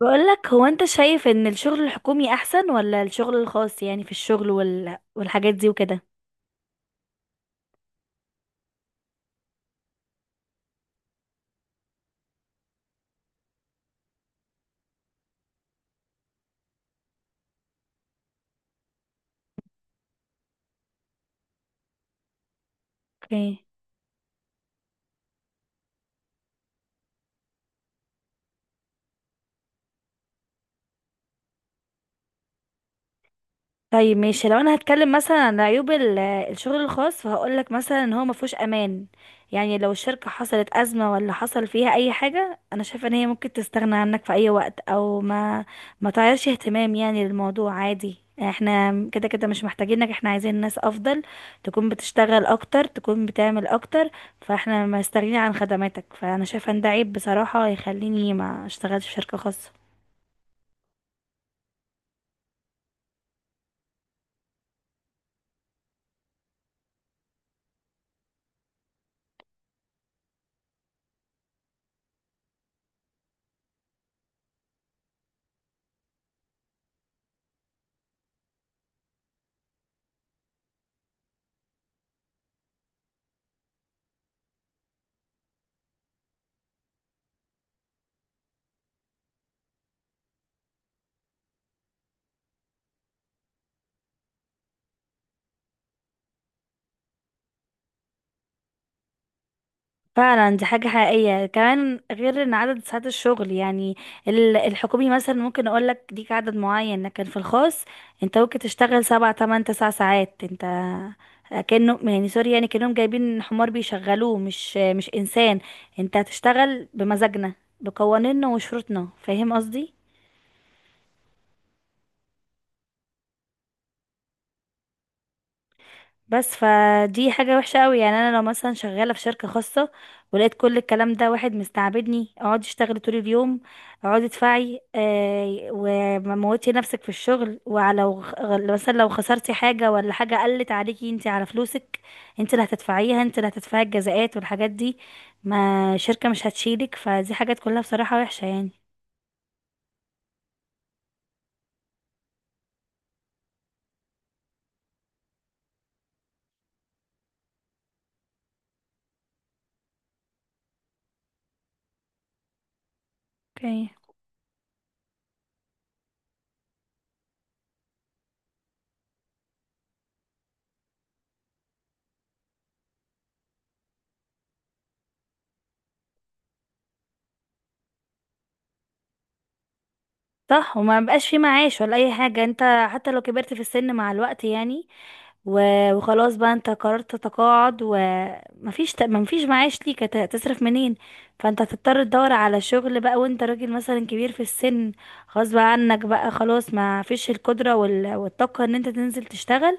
بقولك هو انت شايف ان الشغل الحكومي احسن ولا الشغل الخاص؟ يعني في الشغل والحاجات دي وكده. اوكي. طيب ماشي، لو انا هتكلم مثلا عن عيوب الشغل الخاص فهقولك مثلا ان هو مفهوش امان. يعني لو الشركة حصلت ازمة ولا حصل فيها اي حاجة، انا شايفة ان هي ممكن تستغنى عنك في اي وقت، او ما تعيرش اهتمام يعني للموضوع، عادي، احنا كده كده مش محتاجينك، احنا عايزين ناس افضل تكون بتشتغل اكتر، تكون بتعمل اكتر، فاحنا مستغنيين عن خدماتك. فانا شايفة ان ده عيب بصراحة، يخليني ما اشتغلش في شركة خاصة. فعلا دي حاجة حقيقية، كمان غير ان عدد ساعات الشغل، يعني الحكومي مثلا ممكن اقول لك ليك عدد معين، لكن في الخاص انت ممكن تشتغل 7 8 9 ساعات. انت كأنه يعني، سوري يعني، كأنهم جايبين حمار بيشغلوه مش انسان. انت هتشتغل بمزاجنا، بقوانيننا وشروطنا، فاهم قصدي؟ بس فدي حاجة وحشة قوي، يعني انا لو مثلا شغالة في شركة خاصة ولقيت كل الكلام ده، واحد مستعبدني، اقعدي اشتغلي طول اليوم، اقعدي ادفعي وموتي نفسك في الشغل، ولو مثلا لو خسرتي حاجة ولا حاجة قلت عليكي، انت على فلوسك، انت اللي هتدفعيها، انت اللي هتدفعي الجزاءات والحاجات دي، ما شركة مش هتشيلك، فدي حاجات كلها بصراحة وحشة يعني. اوكي. صح، وما بقاش في معاش ولا اي حاجة. انت حتى لو كبرت في السن مع الوقت يعني وخلاص بقى انت قررت تتقاعد، ومفيش مفيش معاش ليك، هتصرف منين؟ فانت هتضطر تدور على شغل بقى، وانت راجل مثلا كبير في السن، غصب عنك بقى، خلاص ما فيش القدرة والطاقة ان انت تنزل تشتغل.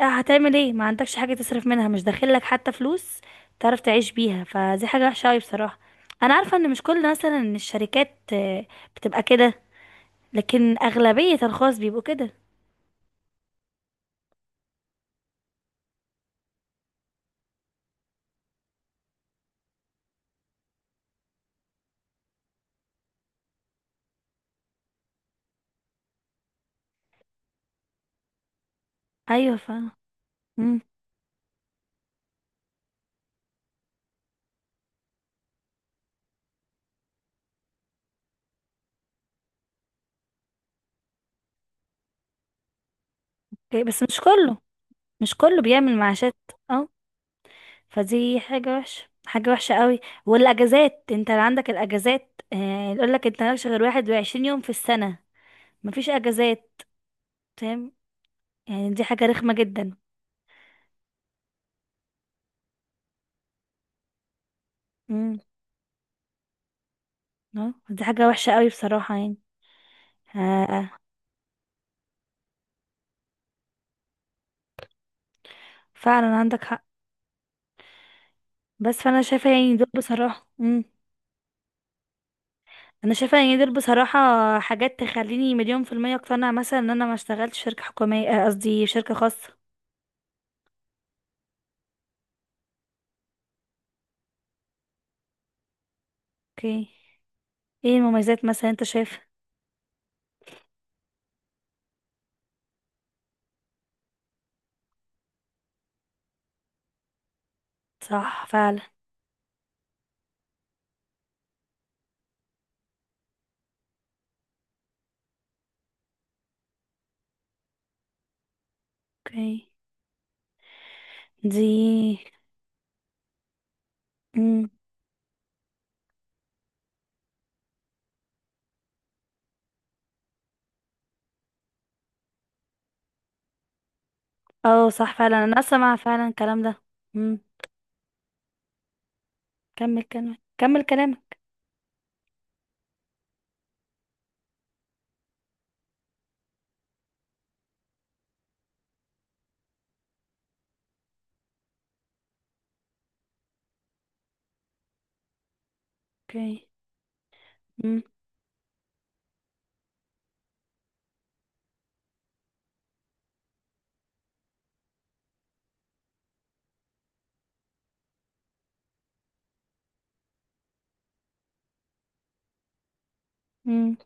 اه، هتعمل ايه؟ ما عندكش حاجة تصرف منها، مش داخلك حتى فلوس تعرف تعيش بيها، فدي حاجة وحشة قوي بصراحة. انا عارفة ان مش كل مثلا الشركات بتبقى كده، لكن اغلبية الخاص بيبقوا كده. ايوه، فاهمة. مم. إيه، بس مش كله. مش كله بيعمل معاشات. اه. فدي حاجة وحشة، حاجة وحشة قوي. والاجازات، انت اللي عندك الاجازات، يقولك انت مالكش غير 21 يوم في السنة، مفيش اجازات، فاهم؟ يعني دي حاجة رخمة جدا. امم اه، دي حاجة وحشة قوي بصراحة يعني آه فعلا عندك حق. بس فانا شايفة يعني دول بصراحة. انا شايفة يعني دول بصراحة حاجات تخليني 1,000,000% اقتنع مثلا ان انا ما اشتغلتش في شركة حكومية، قصدي شركة خاصة. اوكي، ايه المميزات مثلا انت شايفها؟ صح فعلا. اوكي. دي. امم اه صح فعلا، انا اسمع فعلا الكلام ده. امم. كمل كلامك، كمل كلامك. اوكي. امم. امم.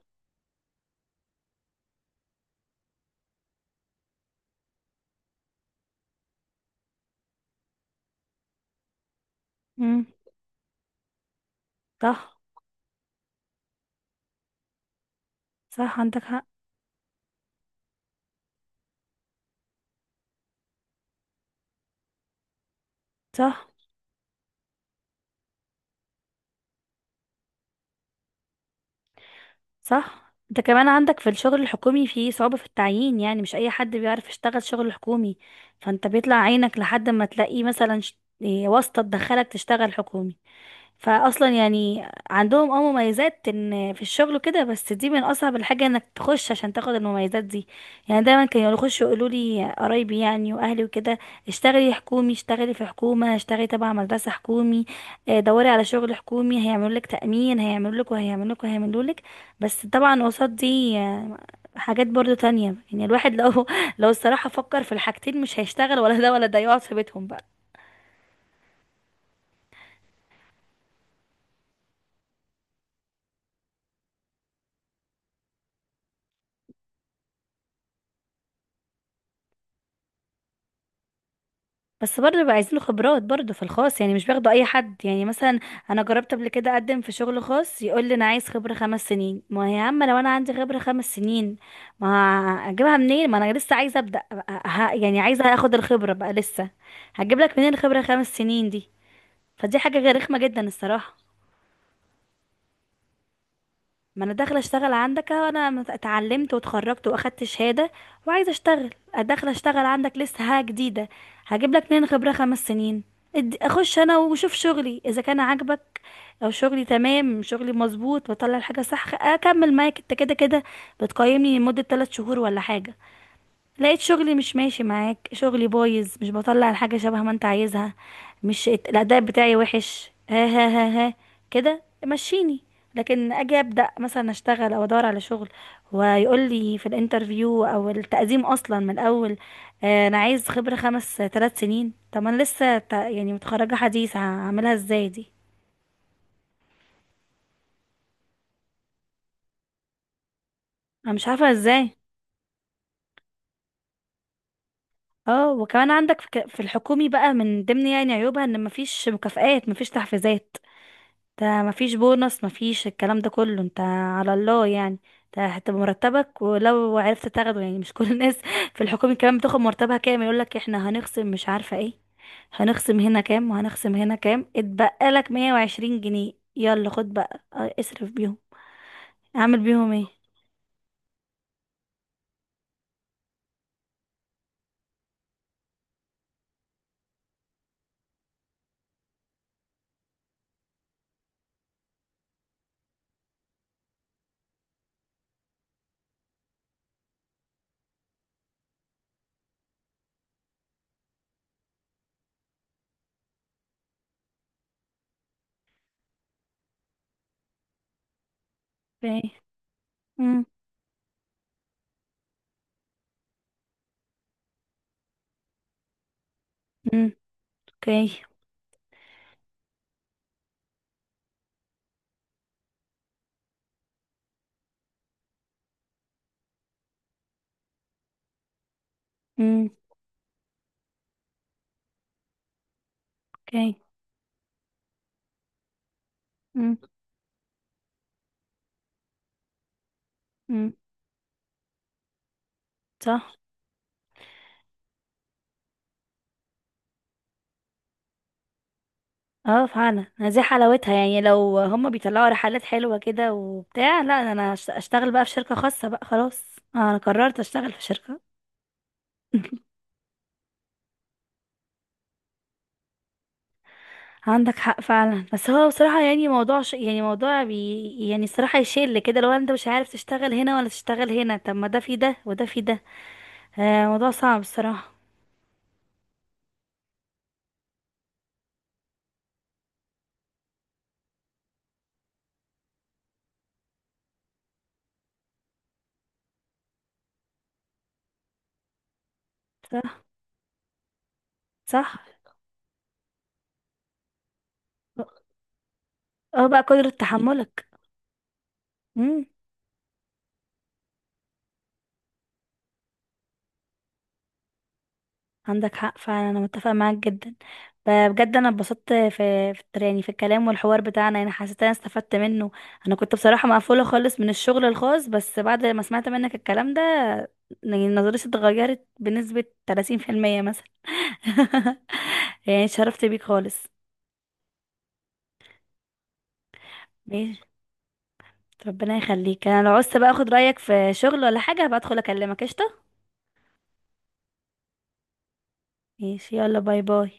امم. صح. صح، عندك حق. صح. صح. انت كمان عندك في الشغل الحكومي في صعوبة في التعيين، يعني مش اي حد بيعرف يشتغل شغل حكومي، فانت بيطلع عينك لحد ما تلاقي مثلا ش- إيه، واسطة تدخلك تشتغل حكومي، فاصلا يعني عندهم مميزات ان في الشغل وكده، بس دي من اصعب الحاجه انك تخش عشان تاخد المميزات دي. يعني دايما كانوا يخشوا يقولوا لي قرايبي يعني واهلي وكده، اشتغلي حكومي، اشتغلي في حكومه، اشتغلي تبع مدرسه حكومي، اه، دوري على شغل حكومي، هيعملوا لك تامين، هيعملوا لك وهيعملوا لك وهيعملوا لك. بس طبعا قصاد دي حاجات برضو تانية، يعني الواحد لو لو الصراحه فكر في الحاجتين مش هيشتغل ولا ده ولا ده، يقعد في بيتهم بقى. بس برضه بيبقى عايزين له خبرات برضه في الخاص، يعني مش بياخدوا اي حد، يعني مثلا انا جربت قبل كده اقدم في شغل خاص، يقول لي انا عايز خبره 5 سنين. ما هي، يا عم، لو انا عندي خبره 5 سنين ما اجيبها منين؟ ما انا لسه عايزه ابدا، يعني عايزه اخد الخبره بقى لسه. هجيب لك منين الخبره 5 سنين دي؟ فدي حاجه غير رخمه جدا الصراحه. ما انا داخله اشتغل عندك أهو، انا اتعلمت واتخرجت واخدت شهاده وعايزه اشتغل، داخله اشتغل عندك لسه حاجه جديده، هجيب لك منين خبره 5 سنين؟ اخش انا واشوف شغلي اذا كان عاجبك، او شغلي تمام، شغلي مظبوط، بطلع الحاجه صح، اكمل معاك انت كده كده. بتقيمني لمده 3 شهور ولا حاجه، لقيت شغلي مش ماشي معاك، شغلي بايظ، مش بطلع الحاجة شبه ما انت عايزها، مش الأداء بتاعي وحش، ها ها ها ها، كده مشيني. لكن اجي ابدا مثلا اشتغل او ادور على شغل، ويقول لي في الانترفيو او التقديم اصلا من الاول، انا عايز خبره 5 3 سنين. طب ما انا لسه يعني متخرجه حديث، هعملها ازاي دي؟ انا مش عارفه ازاي. اه، وكمان عندك في في الحكومي بقى، من ضمن يعني عيوبها ان مفيش مكافآت، مفيش تحفيزات، ده مفيش بونص، مفيش الكلام ده كله، انت على الله يعني، ده هتبقى مرتبك ولو عرفت تاخده، يعني مش كل الناس في الحكومة كمان بتاخد مرتبها كام، يقولك احنا هنخصم مش عارفة ايه، هنخصم هنا كام وهنخصم هنا كام، اتبقى لك 120 جنيه، يلا خد بقى، اصرف بيهم، اعمل بيهم ايه؟ في ايه؟ امم. اوكي. امم. اوكي. امم. امم. صح. اه فعلا، دي حلاوتها، يعني لو هما بيطلعوا رحلات حلوة كده وبتاع، لا انا اشتغل بقى في شركة خاصة بقى خلاص، انا قررت اشتغل في شركة. عندك حق فعلا، بس هو بصراحة يعني موضوع يعني موضوع يعني الصراحة يشل كده، لو انت مش عارف تشتغل هنا ولا تشتغل هنا، طب ما ده في ده وده في ده، موضوع صعب الصراحة. صح. صح. اه بقى قدرة تحملك. مم. عندك حق فعلا، انا متفقه معاك جدا، بجد انا اتبسطت في يعني في الكلام والحوار بتاعنا، انا حسيت انا استفدت منه. انا كنت بصراحه مقفوله خالص من الشغل الخاص، بس بعد ما سمعت منك الكلام ده، يعني نظرتي اتغيرت بنسبه 30% مثلا. يعني اتشرفت بيك خالص. ماشي، ربنا يخليك. انا لو عوزت بقى اخد رايك في شغل ولا حاجه هبقى ادخل اكلمك، قشطه. ماشي، يلا، باي باي.